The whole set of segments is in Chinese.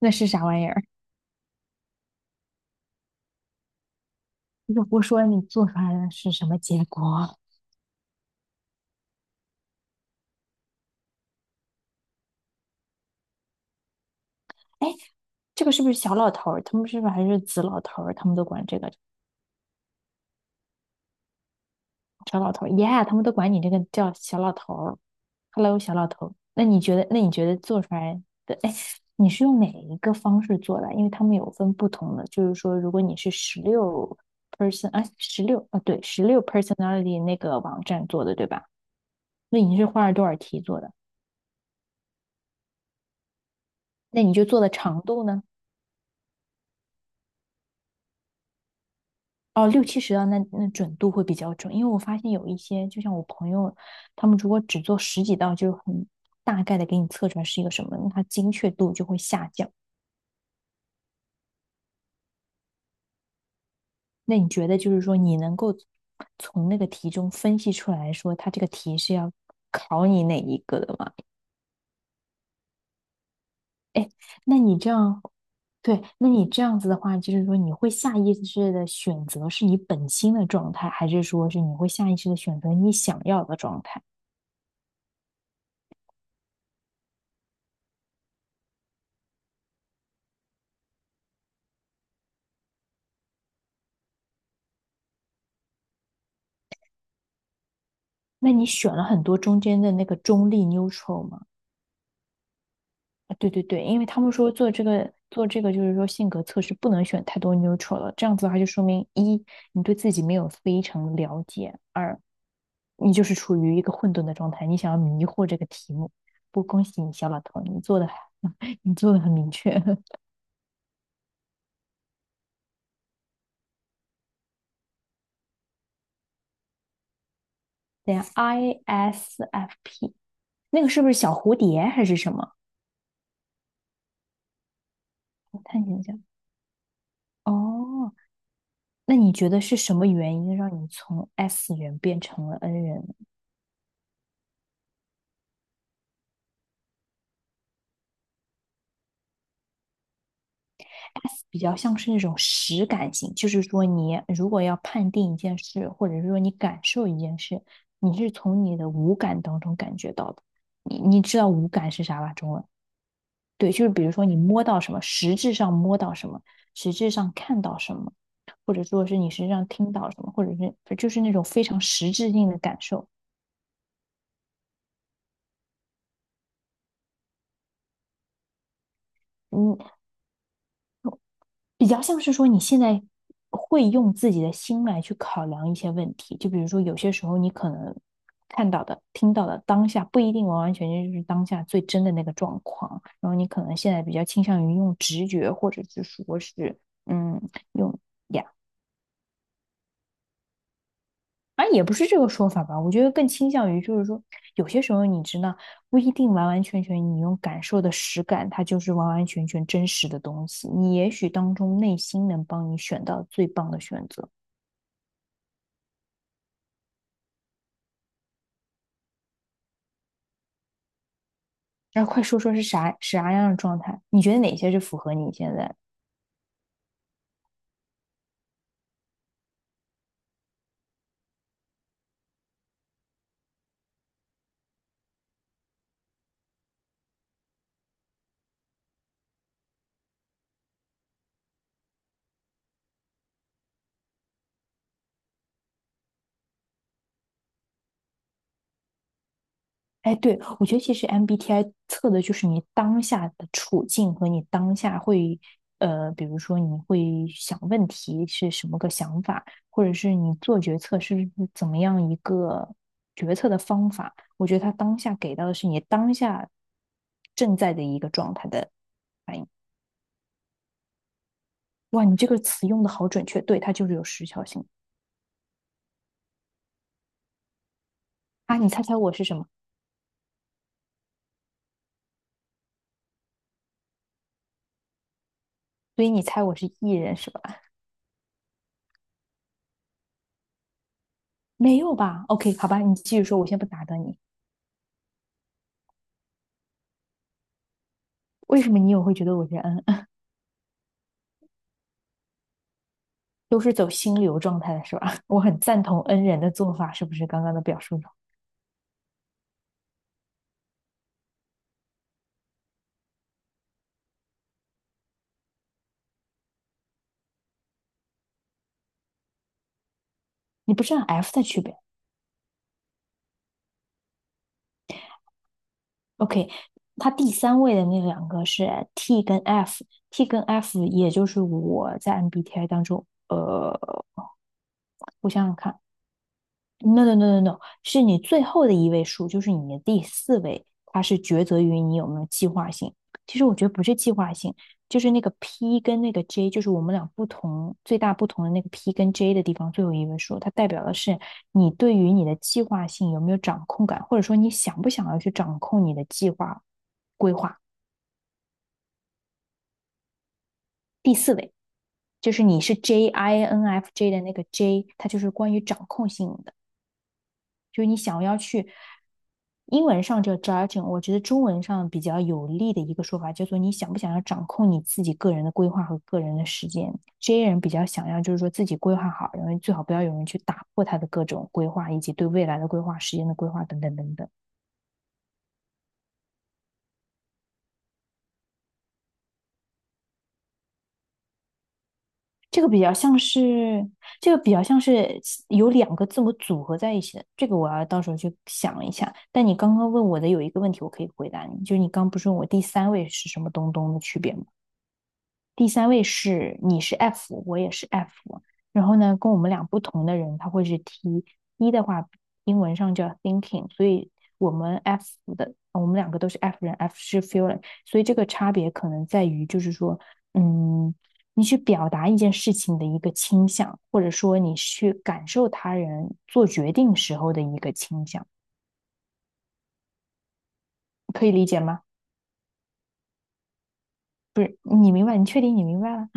那是啥玩意儿？如果不说你做出来的是什么结果？哎，这个是不是小老头儿？他们是不是还是子老头儿？他们都管你这个叫小老头儿。Hello，小老头儿。那你觉得做出来的？哎，你是用哪一个方式做的？因为他们有分不同的，就是说，如果你是十六 person 啊，十六啊，对，十六 personality 那个网站做的，对吧？那你是花了多少题做的？那你就做的长度呢？哦，六七十道那准度会比较准，因为我发现有一些，就像我朋友，他们如果只做十几道，就很大概的给你测出来是一个什么，那它精确度就会下降。那你觉得就是说，你能够从那个题中分析出来说，它这个题是要考你哪一个的吗？那你这样，对，那你这样子的话，就是说你会下意识的选择是你本心的状态，还是说是你会下意识的选择你想要的状态？那你选了很多中间的那个中立 neutral 吗？啊，对对对，因为他们说做这个就是说性格测试不能选太多 neutral 了，这样子的话就说明一你对自己没有非常了解，二你就是处于一个混沌的状态，你想要迷惑这个题目。不，恭喜你，小老头，你做的 你做的很明确。等一下 ISFP 那个是不是小蝴蝶还是什么？我探一下。哦，那你觉得是什么原因让你从 S 人变成了 N 人呢？比较像是那种实感型，就是说你如果要判定一件事，或者是说你感受一件事，你是从你的五感当中感觉到的。你知道五感是啥吧？中文，对，就是比如说你摸到什么，实质上摸到什么，实质上看到什么，或者说是你实际上听到什么，或者是就是那种非常实质性的感受。嗯，比较像是说你现在会用自己的心来去考量一些问题，就比如说有些时候你可能看到的、听到的当下不一定完完全全就是当下最真的那个状况，然后你可能现在比较倾向于用直觉，或者是说是嗯用。啊，也不是这个说法吧，我觉得更倾向于就是说，有些时候你知道不一定完完全全你用感受的实感，它就是完完全全真实的东西。你也许当中内心能帮你选到最棒的选择。然后快说说是啥样的状态？你觉得哪些是符合你现在？哎，对，我觉得其实 MBTI 测的就是你当下的处境和你当下会，比如说你会想问题是什么个想法，或者是你做决策是怎么样一个决策的方法。我觉得他当下给到的是你当下正在的一个状态的反应。哇，你这个词用的好准确，对，它就是有时效性啊！你猜猜我是什么？所以你猜我是艺人是吧？没有吧？OK，好吧，你继续说，我先不打断你。为什么你也会觉得我是 N？都是走心流状态的是吧？我很赞同 N 人的做法，是不是刚刚的表述中？你不是按 F 的区别？OK，它第三位的那两个是 T 跟 F，T 跟 F 也就是我在 MBTI 当中，我想想看，No no no no no，是你最后的一位数，就是你的第四位，它是抉择于你有没有计划性。其实我觉得不是计划性，就是那个 P 跟那个 J，就是我们俩不同最大不同的那个 P 跟 J 的地方，最后一位数，它代表的是你对于你的计划性有没有掌控感，或者说你想不想要去掌控你的计划规划。第四位就是你是 J I N F J 的那个 J，它就是关于掌控性的。就是你想要去英文上叫 judging，我觉得中文上比较有力的一个说法叫做你想不想要掌控你自己个人的规划和个人的时间。这些人比较想要就是说自己规划好，然后最好不要有人去打破他的各种规划，以及对未来的规划、时间的规划等等等等。这个比较像是，这个比较像是有两个字母组合在一起的，这个我要到时候去想一下。但你刚刚问我的有一个问题，我可以回答你，就是你刚不是问我第三位是什么东东的区别吗？第三位是你是 F，我也是 F。然后呢，跟我们俩不同的人，他会是 T。一的话，英文上叫 thinking，所以我们 F 我们两个都是 F 人，F 是 feeling，所以这个差别可能在于，就是说，嗯，你去表达一件事情的一个倾向，或者说你去感受他人做决定时候的一个倾向，可以理解吗？不是，你明白？你确定你明白了？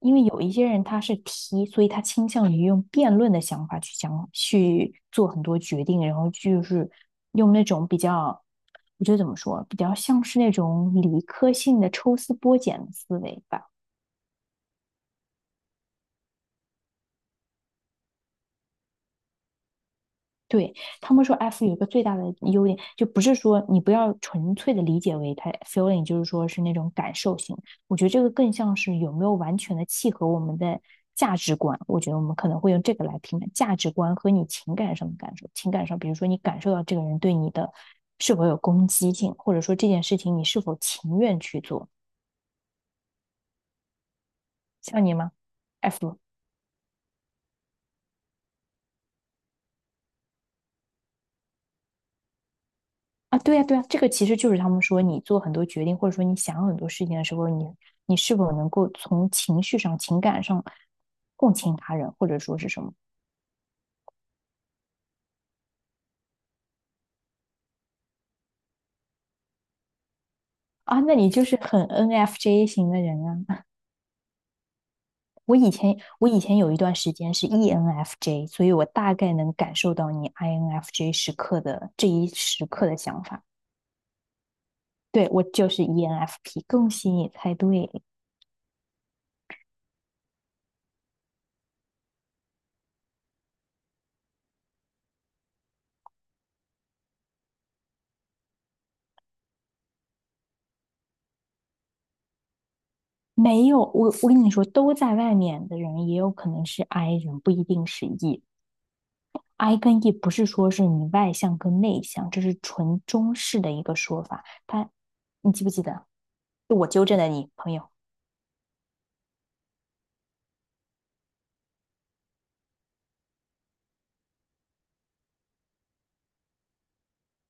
因为有一些人他是 T，所以他倾向于用辩论的想法去想去做很多决定，然后就是用那种比较，我觉得怎么说，比较像是那种理科性的抽丝剥茧的思维吧。对，他们说 F 有一个最大的优点，就不是说你不要纯粹的理解为它 feeling，就是说是那种感受型。我觉得这个更像是有没有完全的契合我们的价值观。我觉得我们可能会用这个来评判价值观和你情感上的感受。情感上，比如说你感受到这个人对你的是否有攻击性，或者说这件事情你是否情愿去做。像你吗？F 啊，对呀，对呀，这个其实就是他们说，你做很多决定，或者说你想很多事情的时候，你是否能够从情绪上、情感上共情他人，或者说是什么啊？那你就是很 NFJ 型的人啊。我以前有一段时间是 ENFJ，所以我大概能感受到你 INFJ 时刻的这一时刻的想法。对，我就是 ENFP，恭喜你猜对。没有，我跟你说，都在外面的人也有可能是 I 人，不一定是 E。I 跟 E 不是说是你外向跟内向，这是纯中式的一个说法。他，你记不记得？是我纠正的你朋友。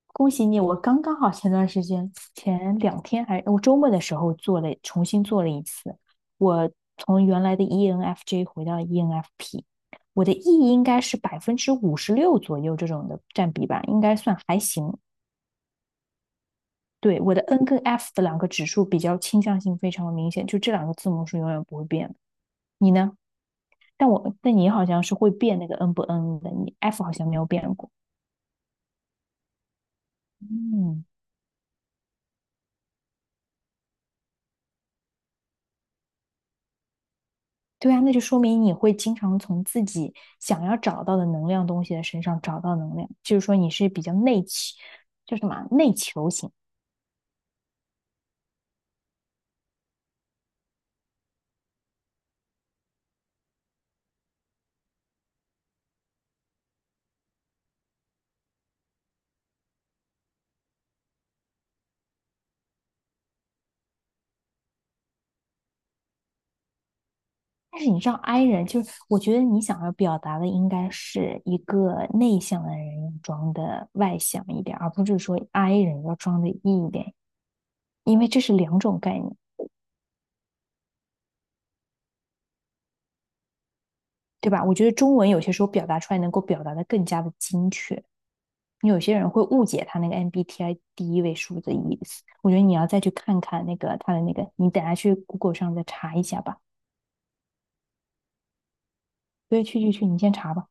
恭喜你，我刚刚好前段时间，前两天还我周末的时候做了，重新做了一次。我从原来的 ENFJ 回到 ENFP，我的 E 应该是56%左右这种的占比吧，应该算还行。对，我的 N 跟 F 的两个指数比较倾向性非常的明显，就这两个字母是永远不会变的。你呢？但你好像是会变那个 N 不 N 的，你 F 好像没有变过。嗯，对啊，那就说明你会经常从自己想要找到的能量东西的身上找到能量，就是说你是比较内求，叫什么内求型。但是你知道 I 人，就是我觉得你想要表达的应该是一个内向的人要装的外向一点，而不是说 I 人要装的 E 一点，因为这是两种概念。对吧？我觉得中文有些时候表达出来能够表达的更加的精确。你有些人会误解他那个 MBTI 第一位数字意思，我觉得你要再去看看那个他的那个，你等下去 Google 上再查一下吧。对，去去去，你先查吧。